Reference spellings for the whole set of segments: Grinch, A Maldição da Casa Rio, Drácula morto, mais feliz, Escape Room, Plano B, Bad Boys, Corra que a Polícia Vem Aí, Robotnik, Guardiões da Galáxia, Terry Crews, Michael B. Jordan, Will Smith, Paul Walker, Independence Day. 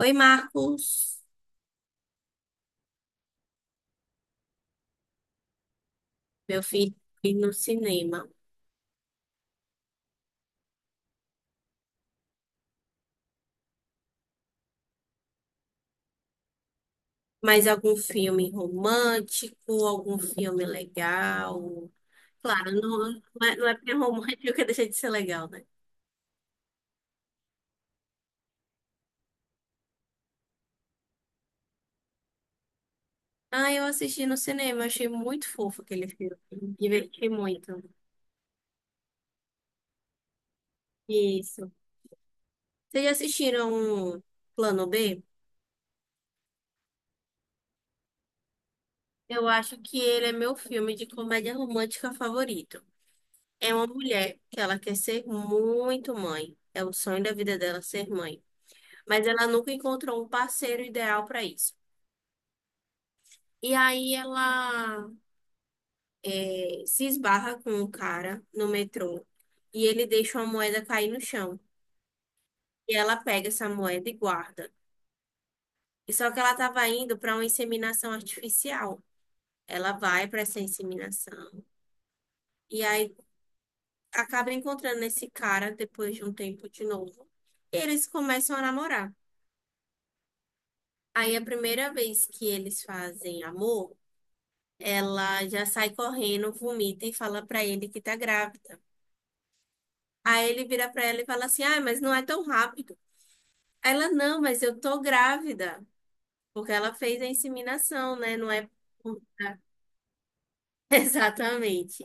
Oi, Marcos. Meu filho ir no cinema. Mais algum filme romântico, algum filme legal? Claro, não, não é porque é romântico que deixa de ser legal, né? Ah, eu assisti no cinema, achei muito fofo aquele filme. Diverti muito. Isso. Vocês já assistiram Plano B? Eu acho que ele é meu filme de comédia romântica favorito. É uma mulher que ela quer ser muito mãe. É o sonho da vida dela ser mãe. Mas ela nunca encontrou um parceiro ideal para isso. E aí ela se esbarra com um cara no metrô e ele deixa uma moeda cair no chão. E ela pega essa moeda e guarda. E só que ela estava indo para uma inseminação artificial. Ela vai para essa inseminação e aí acaba encontrando esse cara depois de um tempo de novo. E eles começam a namorar. Aí a primeira vez que eles fazem amor ela já sai correndo, vomita e fala pra ele que tá grávida. Aí ele vira pra ela e fala assim: "Ah, mas não é tão rápido". Aí ela: "Não, mas eu tô grávida, porque ela fez a inseminação, né? Não é exatamente".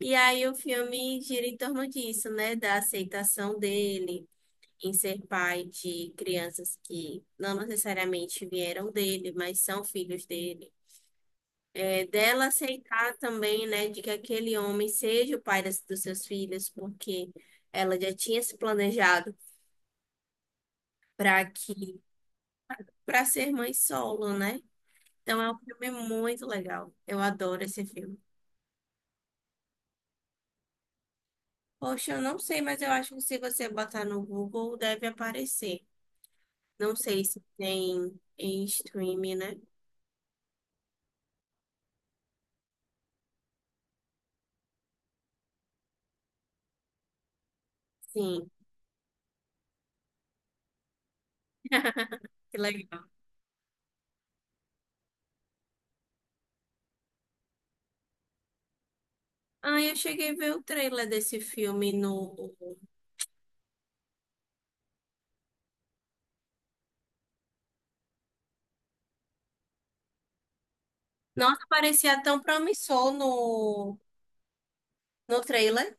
E aí o filme gira em torno disso, né, da aceitação dele em ser pai de crianças que não necessariamente vieram dele, mas são filhos dele. É dela aceitar também, né, de que aquele homem seja o pai dos seus filhos, porque ela já tinha se planejado para que para ser mãe solo, né? Então é um filme muito legal. Eu adoro esse filme. Poxa, eu não sei, mas eu acho que se você botar no Google deve aparecer. Não sei se tem em streaming, né? Sim. Que legal. Ah, eu cheguei a ver o trailer desse filme no. Nossa, parecia tão promissor no trailer.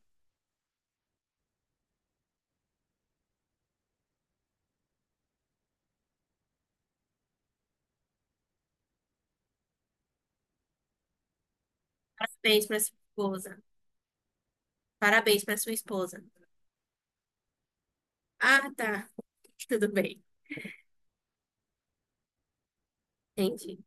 Parabéns pra sua esposa. Parabéns pra sua esposa. Ah, tá. Tudo bem. Entendi.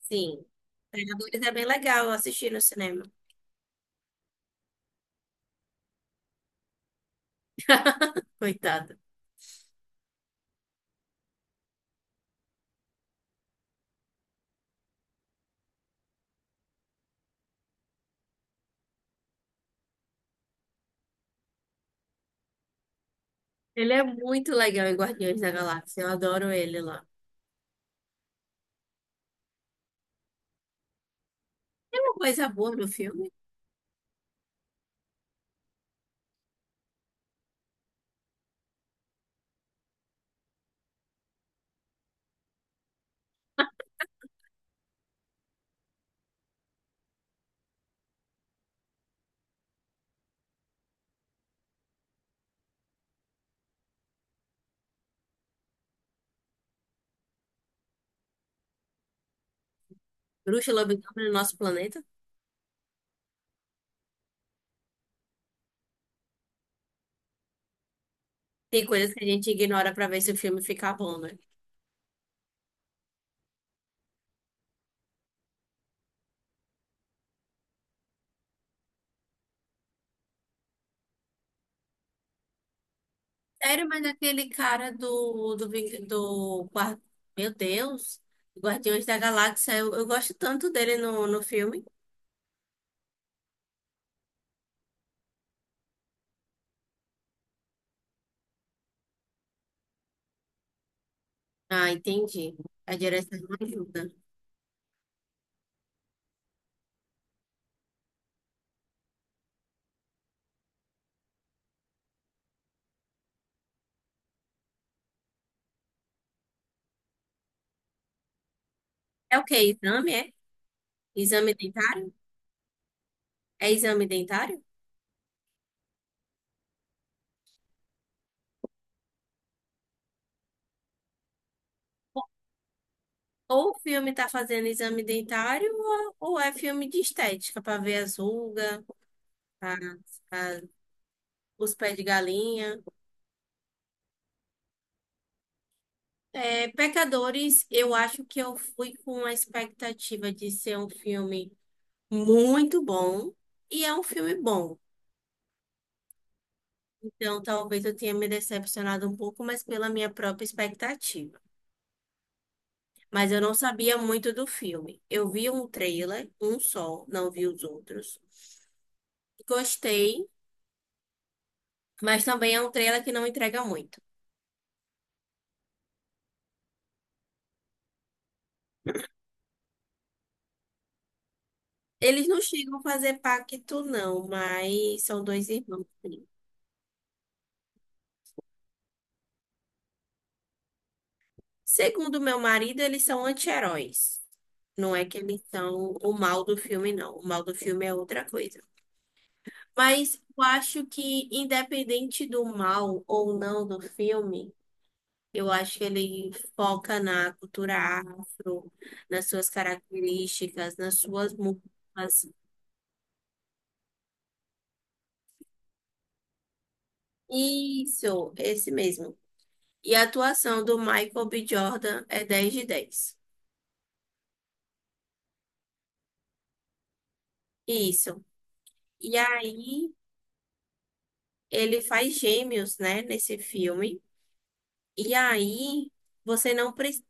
Sim. Predadores é bem legal assistir no cinema. Coitado. Ele é muito legal em Guardiões da Galáxia. Eu adoro ele lá. Tem uma coisa boa no filme. Bruxa e Lobisomem no nosso planeta. Tem coisas que a gente ignora pra ver se o filme fica bom, né? Sério, mas aquele cara do Meu Deus. Guardiões da Galáxia. Eu gosto tanto dele no filme. Ah, entendi. A direção não ajuda. É o quê? Exame, é? Exame dentário? É exame dentário? Ou o filme tá fazendo exame dentário, ou é filme de estética, para ver as rugas, a- a- os pés de galinha. É, Pecadores, eu acho que eu fui com a expectativa de ser um filme muito bom, e é um filme bom. Então, talvez eu tenha me decepcionado um pouco, mas pela minha própria expectativa. Mas eu não sabia muito do filme. Eu vi um trailer, um só, não vi os outros. Gostei, mas também é um trailer que não entrega muito. Eles não chegam a fazer pacto, não, mas são dois irmãos. Sim. Segundo meu marido, eles são anti-heróis. Não é que eles são o mal do filme, não. O mal do filme é outra coisa. Mas eu acho que, independente do mal ou não do filme, eu acho que ele foca na cultura afro, nas suas características, nas suas músicas. Isso, esse mesmo. E a atuação do Michael B. Jordan é 10 de 10. Isso. E aí, ele faz gêmeos, né, nesse filme. E aí, você não precisa.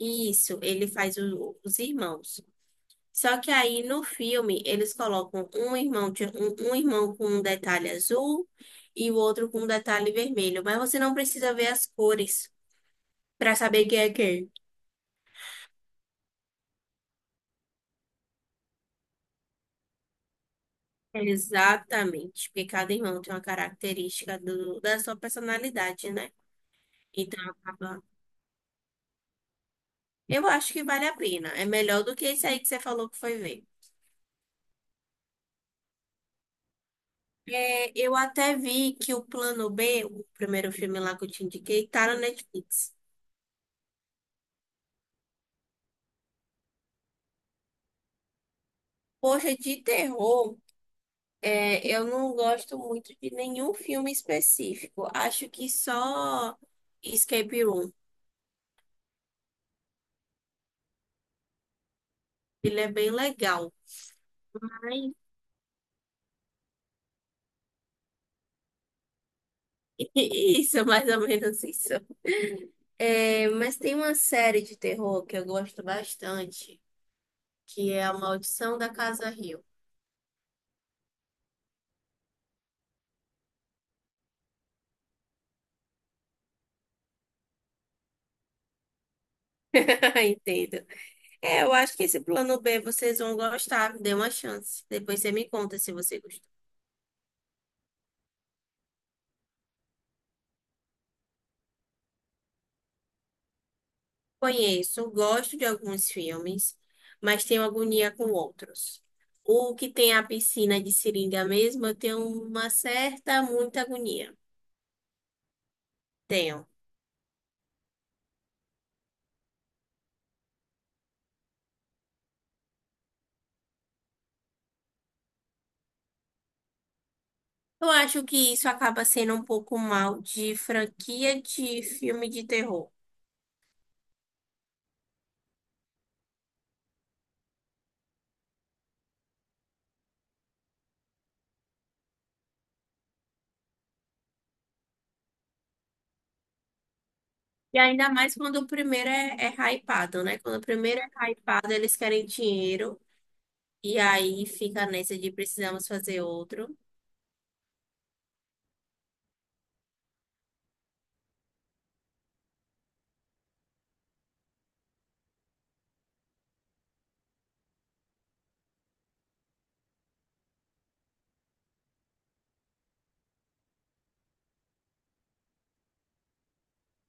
Isso, ele faz os irmãos. Só que aí no filme eles colocam um irmão, um irmão com um detalhe azul e o outro com um detalhe vermelho. Mas você não precisa ver as cores para saber quem é quem. Exatamente, porque cada irmão tem uma característica da sua personalidade, né? Então acaba. Eu acho que vale a pena. É melhor do que esse aí que você falou que foi ver. É, eu até vi que o Plano B, o primeiro filme lá que eu te indiquei, tá no Netflix. Poxa, de terror. É, eu não gosto muito de nenhum filme específico. Acho que só Escape Room. Ele é bem legal. Ai. Isso, é mais ou menos isso. É, mas tem uma série de terror que eu gosto bastante, que é A Maldição da Casa Rio. Entendo. É, eu acho que esse Plano B vocês vão gostar. Dê uma chance. Depois você me conta se você gostou. Conheço, gosto de alguns filmes, mas tenho agonia com outros. O que tem a piscina de seringa mesmo, eu tenho uma certa, muita agonia. Tenho. Eu acho que isso acaba sendo um pouco mal de franquia de filme de terror. E ainda mais quando o primeiro é hypado, né? Quando o primeiro é hypado, eles querem dinheiro. E aí fica nessa de precisamos fazer outro.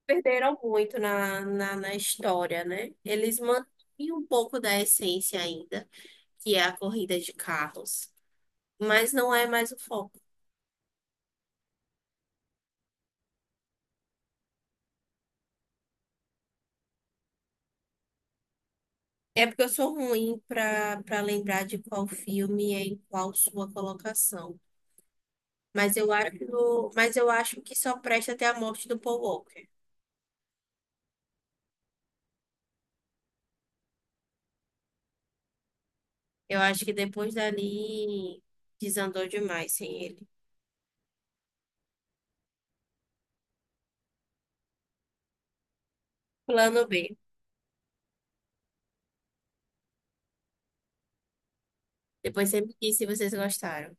Perderam muito na história, né? Eles mantêm um pouco da essência ainda, que é a corrida de carros, mas não é mais o foco. É porque eu sou ruim para lembrar de qual filme é em qual sua colocação. Mas eu acho que só presta até a morte do Paul Walker. Eu acho que depois dali desandou demais sem ele. Plano B. Depois você me diz se vocês gostaram.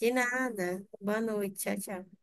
De nada. Boa noite. Tchau, tchau.